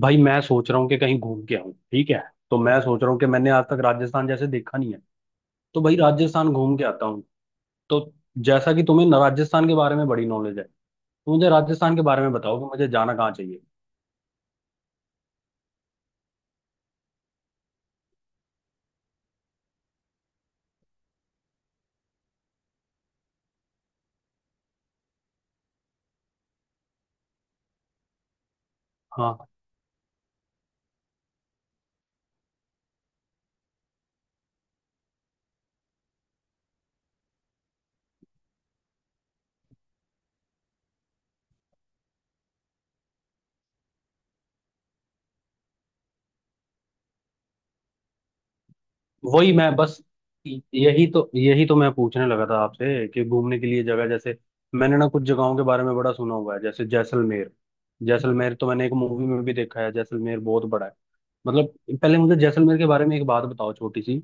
भाई मैं सोच रहा हूँ कि कहीं घूम के आऊँ। ठीक है। तो मैं सोच रहा हूँ कि मैंने आज तक राजस्थान जैसे देखा नहीं है, तो भाई राजस्थान घूम के आता हूँ। तो जैसा कि तुम्हें राजस्थान के बारे में बड़ी नॉलेज है, तो मुझे राजस्थान के बारे में बताओ कि मुझे जाना कहाँ चाहिए। हाँ, वही मैं बस, यही तो मैं पूछने लगा था आपसे कि घूमने के लिए जगह जैसे। मैंने ना कुछ जगहों के बारे में बड़ा सुना हुआ है, जैसे जैसलमेर। जैसलमेर तो मैंने एक मूवी में भी देखा है, जैसलमेर बहुत बड़ा है। मतलब पहले मुझे जैसलमेर के बारे में एक बात बताओ, छोटी सी।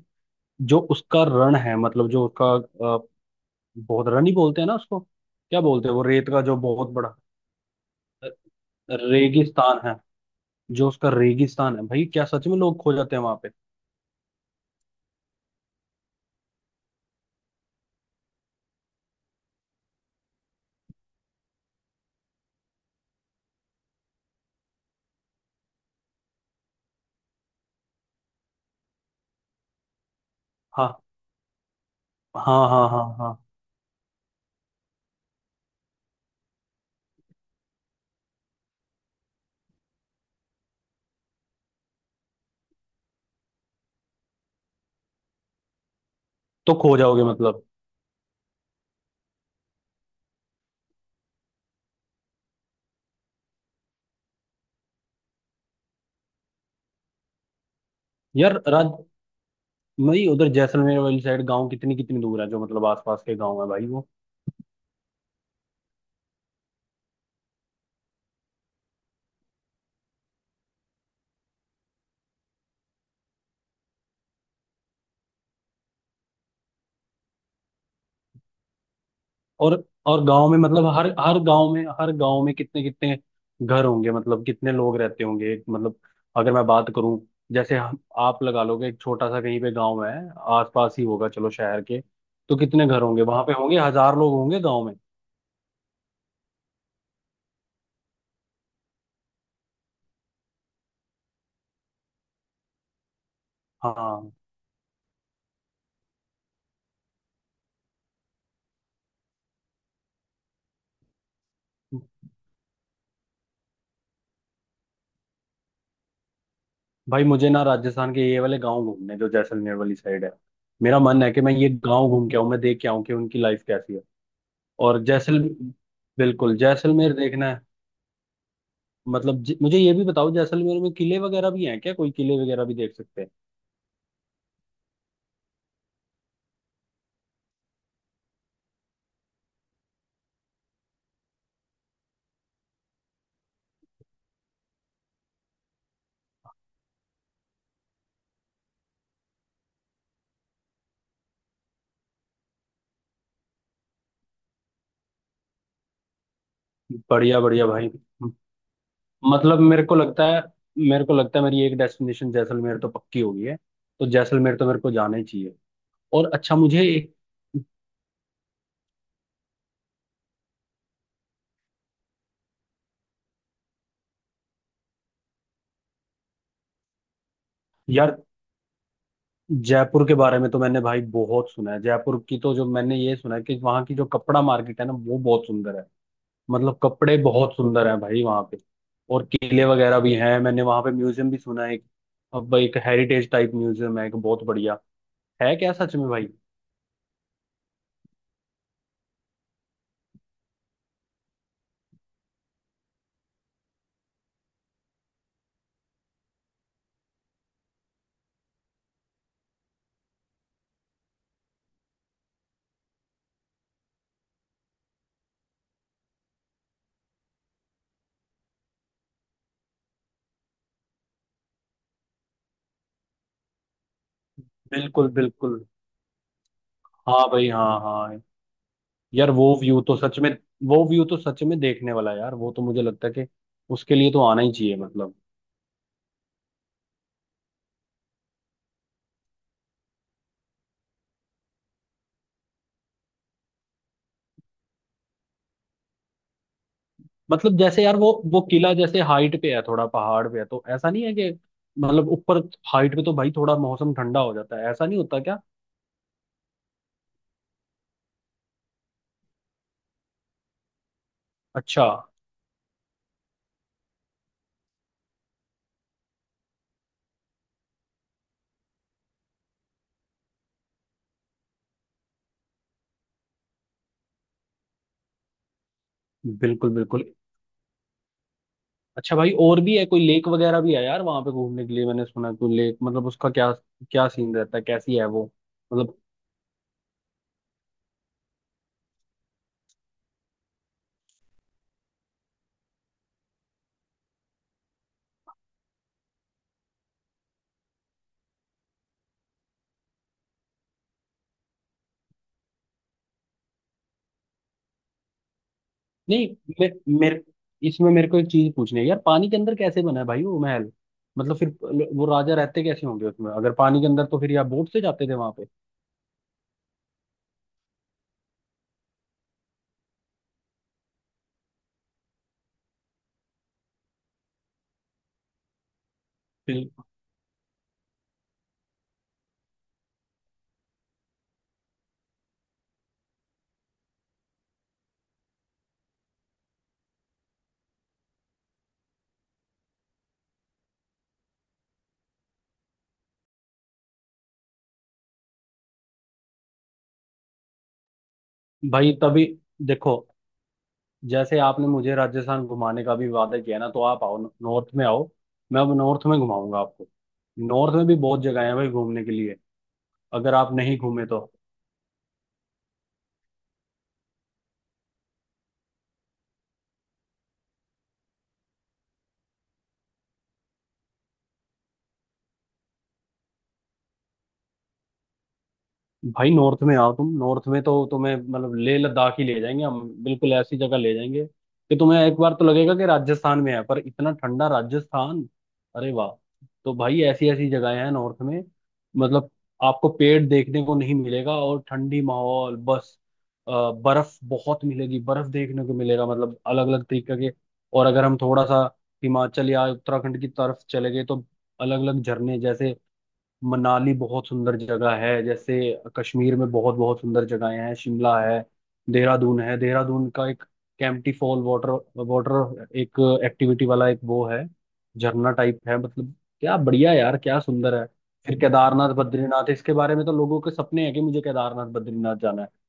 जो उसका रण है, मतलब जो उसका अ, बहुत, रण ही बोलते हैं ना उसको, क्या बोलते हैं वो रेत का जो बहुत बड़ा, अ, रेगिस्तान है। जो उसका रेगिस्तान है भाई, क्या सच में लोग खो जाते हैं वहां पे? हाँ हाँ हाँ हाँ हाँ। तो खो जाओगे मतलब? यार राज भाई, उधर जैसलमेर वाली साइड गांव कितनी कितनी दूर है जो, मतलब आसपास के गांव है भाई वो? और गांव में मतलब हर हर गांव में, हर गांव में कितने कितने घर होंगे, मतलब कितने लोग रहते होंगे एक मतलब? अगर मैं बात करूं, जैसे हम आप लगा लोगे एक छोटा सा कहीं पे गांव है, आसपास ही होगा, चलो शहर के। तो कितने घर होंगे वहां पे, होंगे हजार लोग होंगे गांव में? हाँ भाई, मुझे ना राजस्थान के ये वाले गांव घूमने, जो जैसलमेर वाली साइड है। मेरा मन है कि मैं ये गांव घूम के आऊं, मैं देख के आऊं कि उनकी लाइफ कैसी है। और जैसल बिल्कुल जैसलमेर देखना है। मतलब मुझे ये भी बताओ, जैसलमेर में किले वगैरह भी हैं क्या, कोई किले वगैरह भी देख सकते? हैं बढ़िया बढ़िया भाई। मतलब मेरे को लगता है मेरी एक डेस्टिनेशन जैसलमेर तो पक्की हो गई है। तो जैसलमेर तो मेरे को जाना ही चाहिए। और अच्छा मुझे एक, यार जयपुर के बारे में तो मैंने भाई बहुत सुना है। जयपुर की तो, जो मैंने ये सुना है कि वहाँ की जो कपड़ा मार्केट है ना, वो बहुत सुंदर है। मतलब कपड़े बहुत सुंदर हैं भाई वहाँ पे। और किले वगैरह भी हैं, मैंने वहाँ पे म्यूजियम भी सुना है एक, अब भाई एक हेरिटेज टाइप म्यूजियम है एक बहुत बढ़िया, है क्या सच में भाई? बिल्कुल बिल्कुल। हाँ भाई, हाँ हाँ। यार वो व्यू तो सच में, वो व्यू तो सच में देखने वाला है यार वो, तो मुझे लगता है कि उसके लिए तो आना ही चाहिए मतलब। मतलब जैसे यार वो किला जैसे हाइट पे है, थोड़ा पहाड़ पे है, तो ऐसा नहीं है कि मतलब ऊपर हाइट पे तो भाई थोड़ा मौसम ठंडा हो जाता है, ऐसा नहीं होता क्या? अच्छा। बिल्कुल बिल्कुल। अच्छा भाई, और भी है कोई लेक वगैरह भी है यार वहां पे घूमने के लिए? मैंने सुना है कोई लेक, मतलब उसका क्या, क्या सीन रहता है, कैसी है वो? मतलब नहीं, मे, मेरे इसमें मेरे को एक चीज पूछनी है यार, पानी के अंदर कैसे बना है भाई वो महल? मतलब फिर वो राजा रहते कैसे होंगे उसमें, अगर पानी के अंदर, तो फिर या बोट से जाते थे वहां पे? फिर भाई, तभी देखो, जैसे आपने मुझे राजस्थान घुमाने का भी वादा किया ना, तो आप आओ नॉर्थ में आओ। मैं अब नॉर्थ में घुमाऊंगा आपको। नॉर्थ में भी बहुत जगह है भाई घूमने के लिए। अगर आप नहीं घूमे तो भाई नॉर्थ में आओ, तुम नॉर्थ में तो तुम्हें मतलब लेह लद्दाख ही ले जाएंगे हम, बिल्कुल ऐसी जगह ले जाएंगे कि तुम्हें एक बार तो लगेगा कि राजस्थान में है पर इतना ठंडा राजस्थान। अरे वाह। तो भाई ऐसी ऐसी जगहें हैं नॉर्थ में, मतलब आपको पेड़ देखने को नहीं मिलेगा और ठंडी माहौल बस, बर्फ बहुत मिलेगी, बर्फ देखने को मिलेगा मतलब अलग अलग तरीके के। और अगर हम थोड़ा सा हिमाचल या उत्तराखंड की तरफ चले गए तो अलग अलग झरने, जैसे मनाली बहुत सुंदर जगह है, जैसे कश्मीर में बहुत बहुत सुंदर जगहें हैं, शिमला है, देहरादून है। देहरादून का एक कैंपटी फॉल, वाटर वाटर एक एक्टिविटी वाला एक वो है, झरना टाइप है मतलब, क्या बढ़िया यार, क्या सुंदर है। फिर केदारनाथ बद्रीनाथ, इसके बारे में तो लोगों के सपने हैं कि मुझे केदारनाथ बद्रीनाथ जाना है।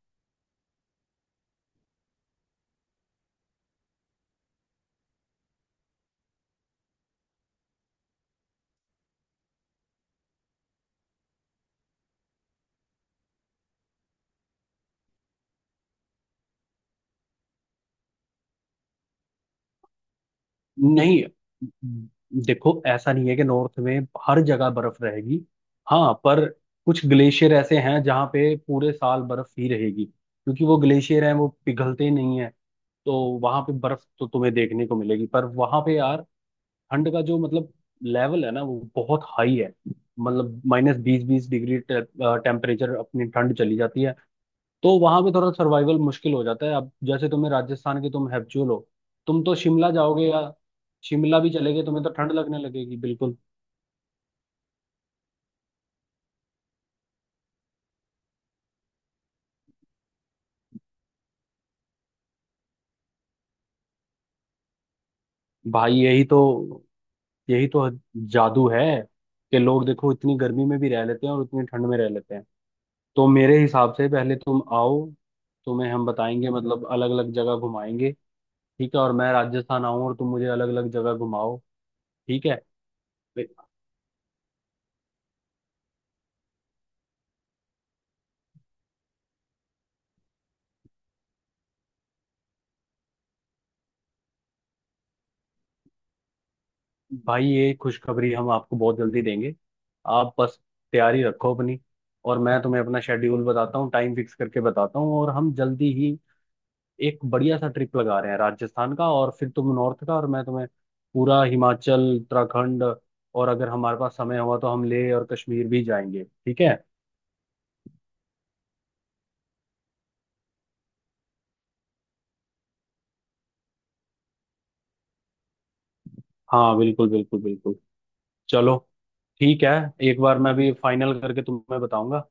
नहीं देखो, ऐसा नहीं है कि नॉर्थ में हर जगह बर्फ रहेगी। हाँ, पर कुछ ग्लेशियर ऐसे हैं जहाँ पे पूरे साल बर्फ ही रहेगी, क्योंकि वो ग्लेशियर हैं वो पिघलते नहीं है। तो वहां पे बर्फ तो तुम्हें देखने को मिलेगी, पर वहां पे यार ठंड का जो मतलब लेवल है ना, वो बहुत हाई है। मतलब माइनस 20-20 डिग्री टेम्परेचर अपनी ठंड चली जाती है। तो वहां पे थोड़ा सर्वाइवल मुश्किल हो जाता है। अब जैसे तुम्हें राजस्थान के तुम हैप्चुअल हो, तुम तो शिमला जाओगे या शिमला भी चले गए, तुम्हें तो ठंड लगने लगेगी बिल्कुल। भाई यही तो जादू है कि लोग देखो इतनी गर्मी में भी रह लेते हैं और इतनी ठंड में रह लेते हैं। तो मेरे हिसाब से पहले तुम आओ, तुम्हें हम बताएंगे मतलब अलग अलग जगह घुमाएंगे। ठीक है, और मैं राजस्थान आऊँ और तुम मुझे अलग अलग जगह घुमाओ। ठीक है भाई, ये खुशखबरी हम आपको बहुत जल्दी देंगे। आप बस तैयारी रखो अपनी, और मैं तुम्हें अपना शेड्यूल बताता हूँ, टाइम फिक्स करके बताता हूँ, और हम जल्दी ही एक बढ़िया सा ट्रिप लगा रहे हैं राजस्थान का और फिर तुम नॉर्थ का, और मैं तुम्हें पूरा हिमाचल उत्तराखंड, और अगर हमारे पास समय हुआ तो हम लेह और कश्मीर भी जाएंगे। ठीक है। हाँ बिल्कुल बिल्कुल बिल्कुल। चलो, ठीक है। एक बार मैं भी फाइनल करके तुम्हें बताऊंगा,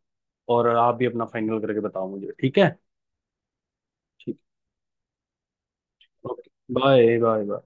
और आप भी अपना फाइनल करके बताओ मुझे, ठीक है? ठीक, ओके। Bye bye.